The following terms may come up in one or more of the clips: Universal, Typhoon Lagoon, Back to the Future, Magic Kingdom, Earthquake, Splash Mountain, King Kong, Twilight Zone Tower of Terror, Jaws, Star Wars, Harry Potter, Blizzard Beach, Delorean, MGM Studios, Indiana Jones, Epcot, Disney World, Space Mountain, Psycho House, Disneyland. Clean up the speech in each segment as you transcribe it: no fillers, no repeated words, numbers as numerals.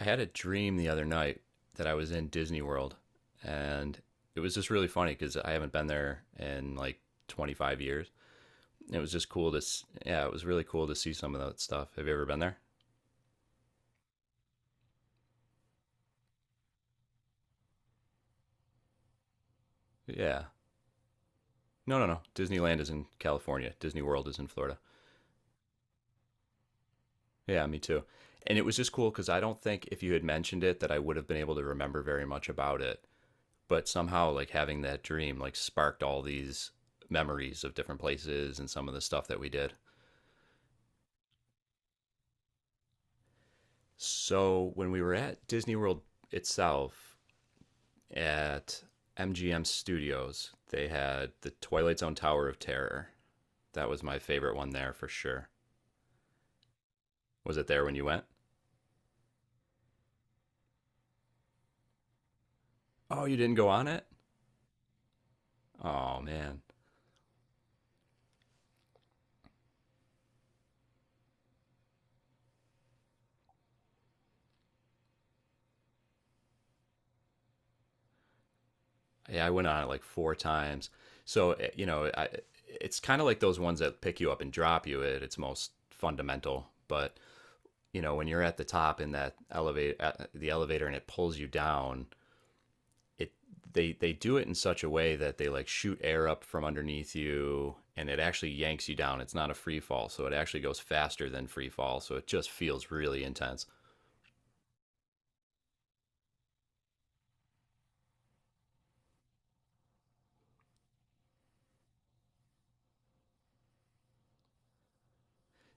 I had a dream the other night that I was in Disney World, and it was just really funny because I haven't been there in like 25 years. It was just cool yeah, it was really cool to see some of that stuff. Have you ever been there? Yeah. No, no, no. Disneyland is in California. Disney World is in Florida. Yeah, me too. And it was just cool because I don't think if you had mentioned it that I would have been able to remember very much about it. But somehow, like having that dream, like sparked all these memories of different places and some of the stuff that we did. So when we were at Disney World itself at MGM Studios, they had the Twilight Zone Tower of Terror. That was my favorite one there for sure. Was it there when you went? Oh, you didn't go on it? Oh man. Yeah, I went on it like four times. So, eh, it's kind of like those ones that pick you up and drop you at its most fundamental, but you know, when you're at the top in that elevator, the elevator and it pulls you down, it they do it in such a way that they like shoot air up from underneath you, and it actually yanks you down. It's not a free fall, so it actually goes faster than free fall, so it just feels really intense.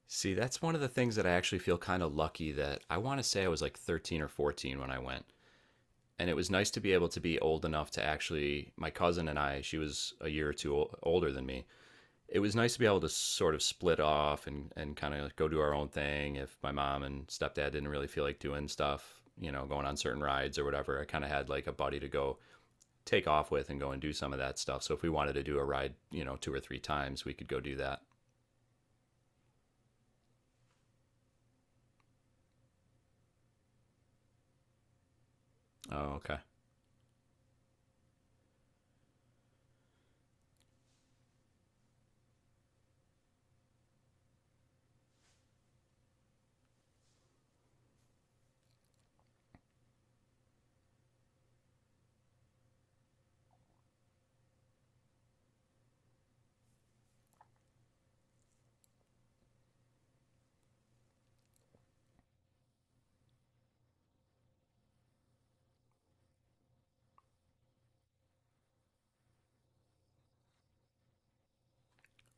See, that's one of the things that I actually feel kind of lucky that I want to say I was like 13 or 14 when I went. And it was nice to be able to be old enough to actually, my cousin and I, she was a year or two older than me. It was nice to be able to sort of split off and kind of go do our own thing. If my mom and stepdad didn't really feel like doing stuff, you know, going on certain rides or whatever, I kind of had like a buddy to go take off with and go and do some of that stuff. So if we wanted to do a ride, you know, two or three times, we could go do that. Oh, okay.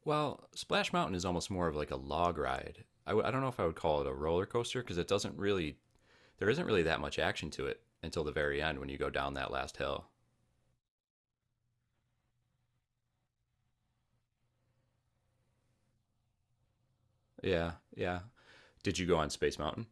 Well, Splash Mountain is almost more of like a log ride. I don't know if I would call it a roller coaster because it doesn't really, there isn't really that much action to it until the very end when you go down that last hill. Yeah, yeah. Did you go on Space Mountain?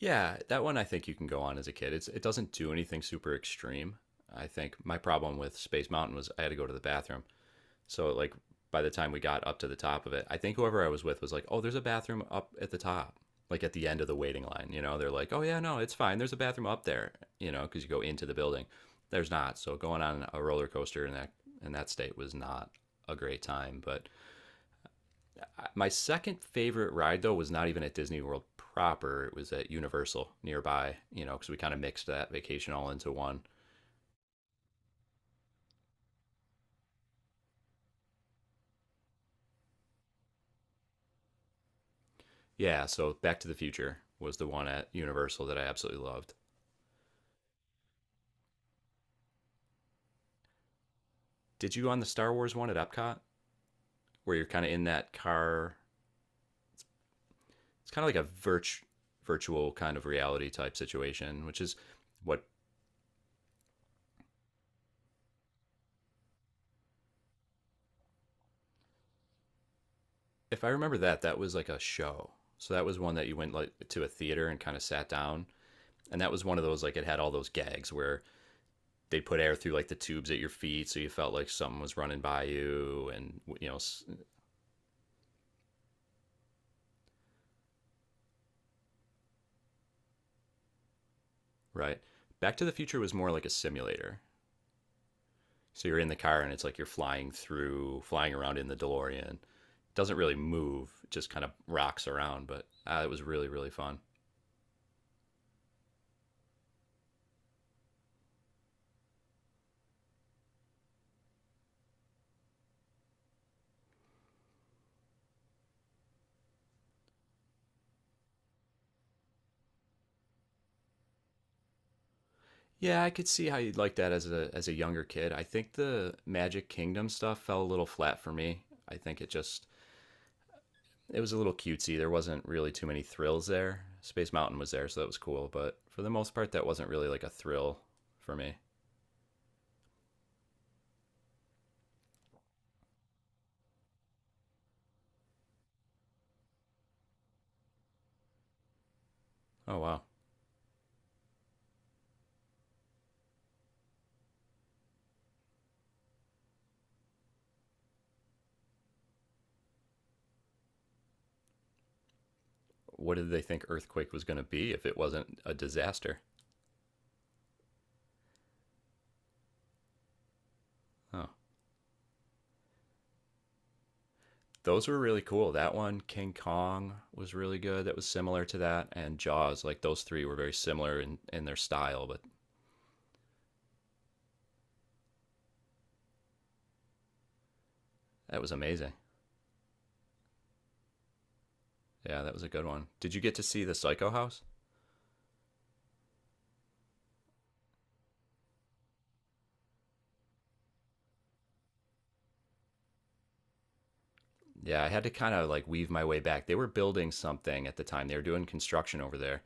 Yeah, that one I think you can go on as a kid. It doesn't do anything super extreme. I think my problem with Space Mountain was I had to go to the bathroom. So like by the time we got up to the top of it, I think whoever I was with was like, "Oh, there's a bathroom up at the top." Like at the end of the waiting line, you know, they're like, "Oh yeah, no, it's fine. There's a bathroom up there," you know, because you go into the building. There's not. So going on a roller coaster in that state was not a great time. But my second favorite ride though was not even at Disney World proper. It was at Universal nearby, you know, because we kind of mixed that vacation all into one. Yeah, so Back to the Future was the one at Universal that I absolutely loved. Did you on the Star Wars one at Epcot, where you're kind of in that car? It's kind of like a virt- virtual kind of reality type situation, which is what. If I remember that, that was like a show. So that was one that you went like to a theater and kind of sat down, and that was one of those like it had all those gags where they put air through like the tubes at your feet so you felt like something was running by you, and you know, right. Back to the Future was more like a simulator, so you're in the car, and it's like you're flying around in the DeLorean. It doesn't really move, it just kind of rocks around, but it was really, really fun. Yeah, I could see how you'd like that as a younger kid. I think the Magic Kingdom stuff fell a little flat for me. I think it just It was a little cutesy. There wasn't really too many thrills there. Space Mountain was there, so that was cool, but for the most part, that wasn't really like a thrill for me. Oh wow, what did they think Earthquake was going to be if it wasn't a disaster? Oh, those were really cool. That one, King Kong, was really good. That was similar to that, and Jaws. Like those three were very similar in their style, but that was amazing. Yeah, that was a good one. Did you get to see the Psycho House? Yeah, I had to kind of like weave my way back. They were building something at the time. They were doing construction over there,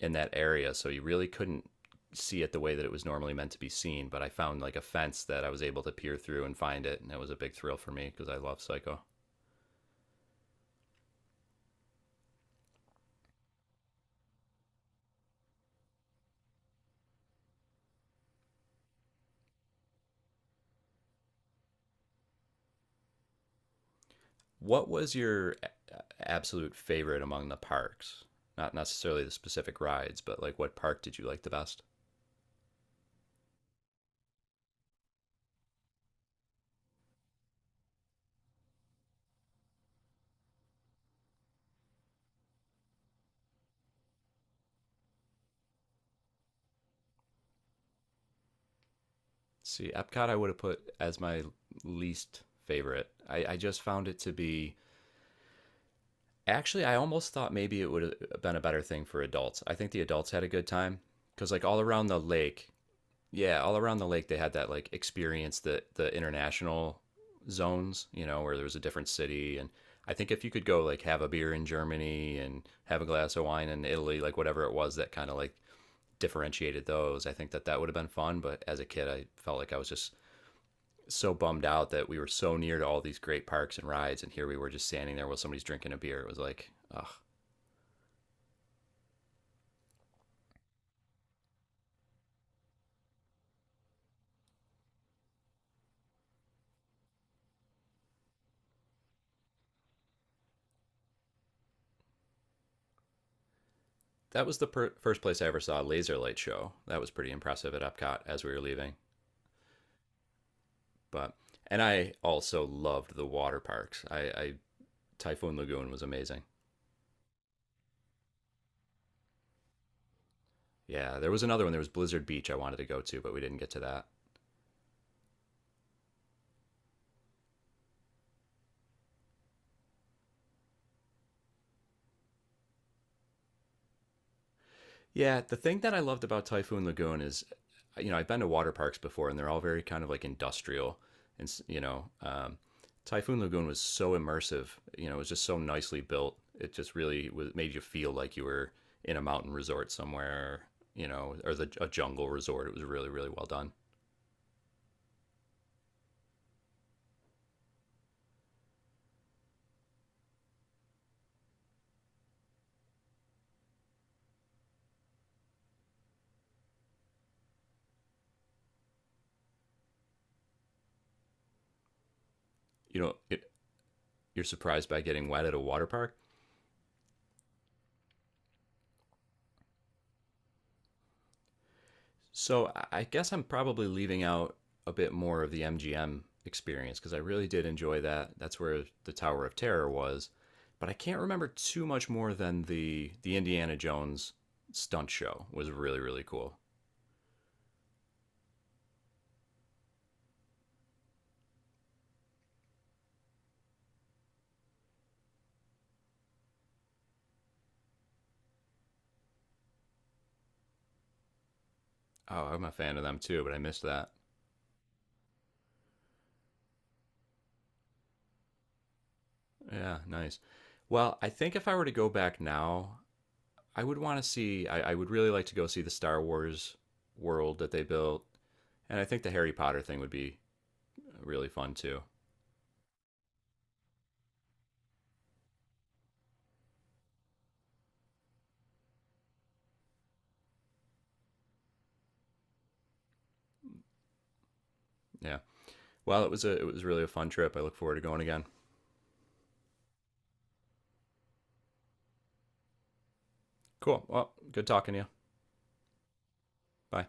in that area, so you really couldn't see it the way that it was normally meant to be seen. But I found like a fence that I was able to peer through and find it, and it was a big thrill for me because I love Psycho. What was your absolute favorite among the parks? Not necessarily the specific rides, but like what park did you like the best? See, Epcot I would have put as my least favorite. I just found it to be, actually I almost thought maybe it would have been a better thing for adults. I think the adults had a good time because like all around the lake, yeah, all around the lake they had that like experience, the international zones, you know, where there was a different city. And I think if you could go like have a beer in Germany and have a glass of wine in Italy, like whatever it was that kind of like differentiated those, I think that that would have been fun, but as a kid I felt like I was just so bummed out that we were so near to all these great parks and rides and here we were just standing there while somebody's drinking a beer. It was like, ugh. That was the first place I ever saw a laser light show. That was pretty impressive at Epcot as we were leaving. But and I also loved the water parks. I Typhoon Lagoon was amazing. Yeah, there was another one. There was Blizzard Beach I wanted to go to, but we didn't get to that. Yeah, the thing that I loved about Typhoon Lagoon is, you know, I've been to water parks before, and they're all very kind of like industrial, and Typhoon Lagoon was so immersive. You know, it was just so nicely built. It just really was, made you feel like you were in a mountain resort somewhere, you know, or a jungle resort. It was really, really well done. You know, you're surprised by getting wet at a water park. So I guess I'm probably leaving out a bit more of the MGM experience because I really did enjoy that. That's where the Tower of Terror was, but I can't remember too much more than the Indiana Jones stunt show was really, really cool. Oh, I'm a fan of them too, but I missed that. Yeah, nice. Well, I think if I were to go back now, I would want to see. I would really like to go see the Star Wars world that they built, and I think the Harry Potter thing would be really fun too. Yeah. Well, it was really a fun trip. I look forward to going again. Cool. Well, good talking to you. Bye.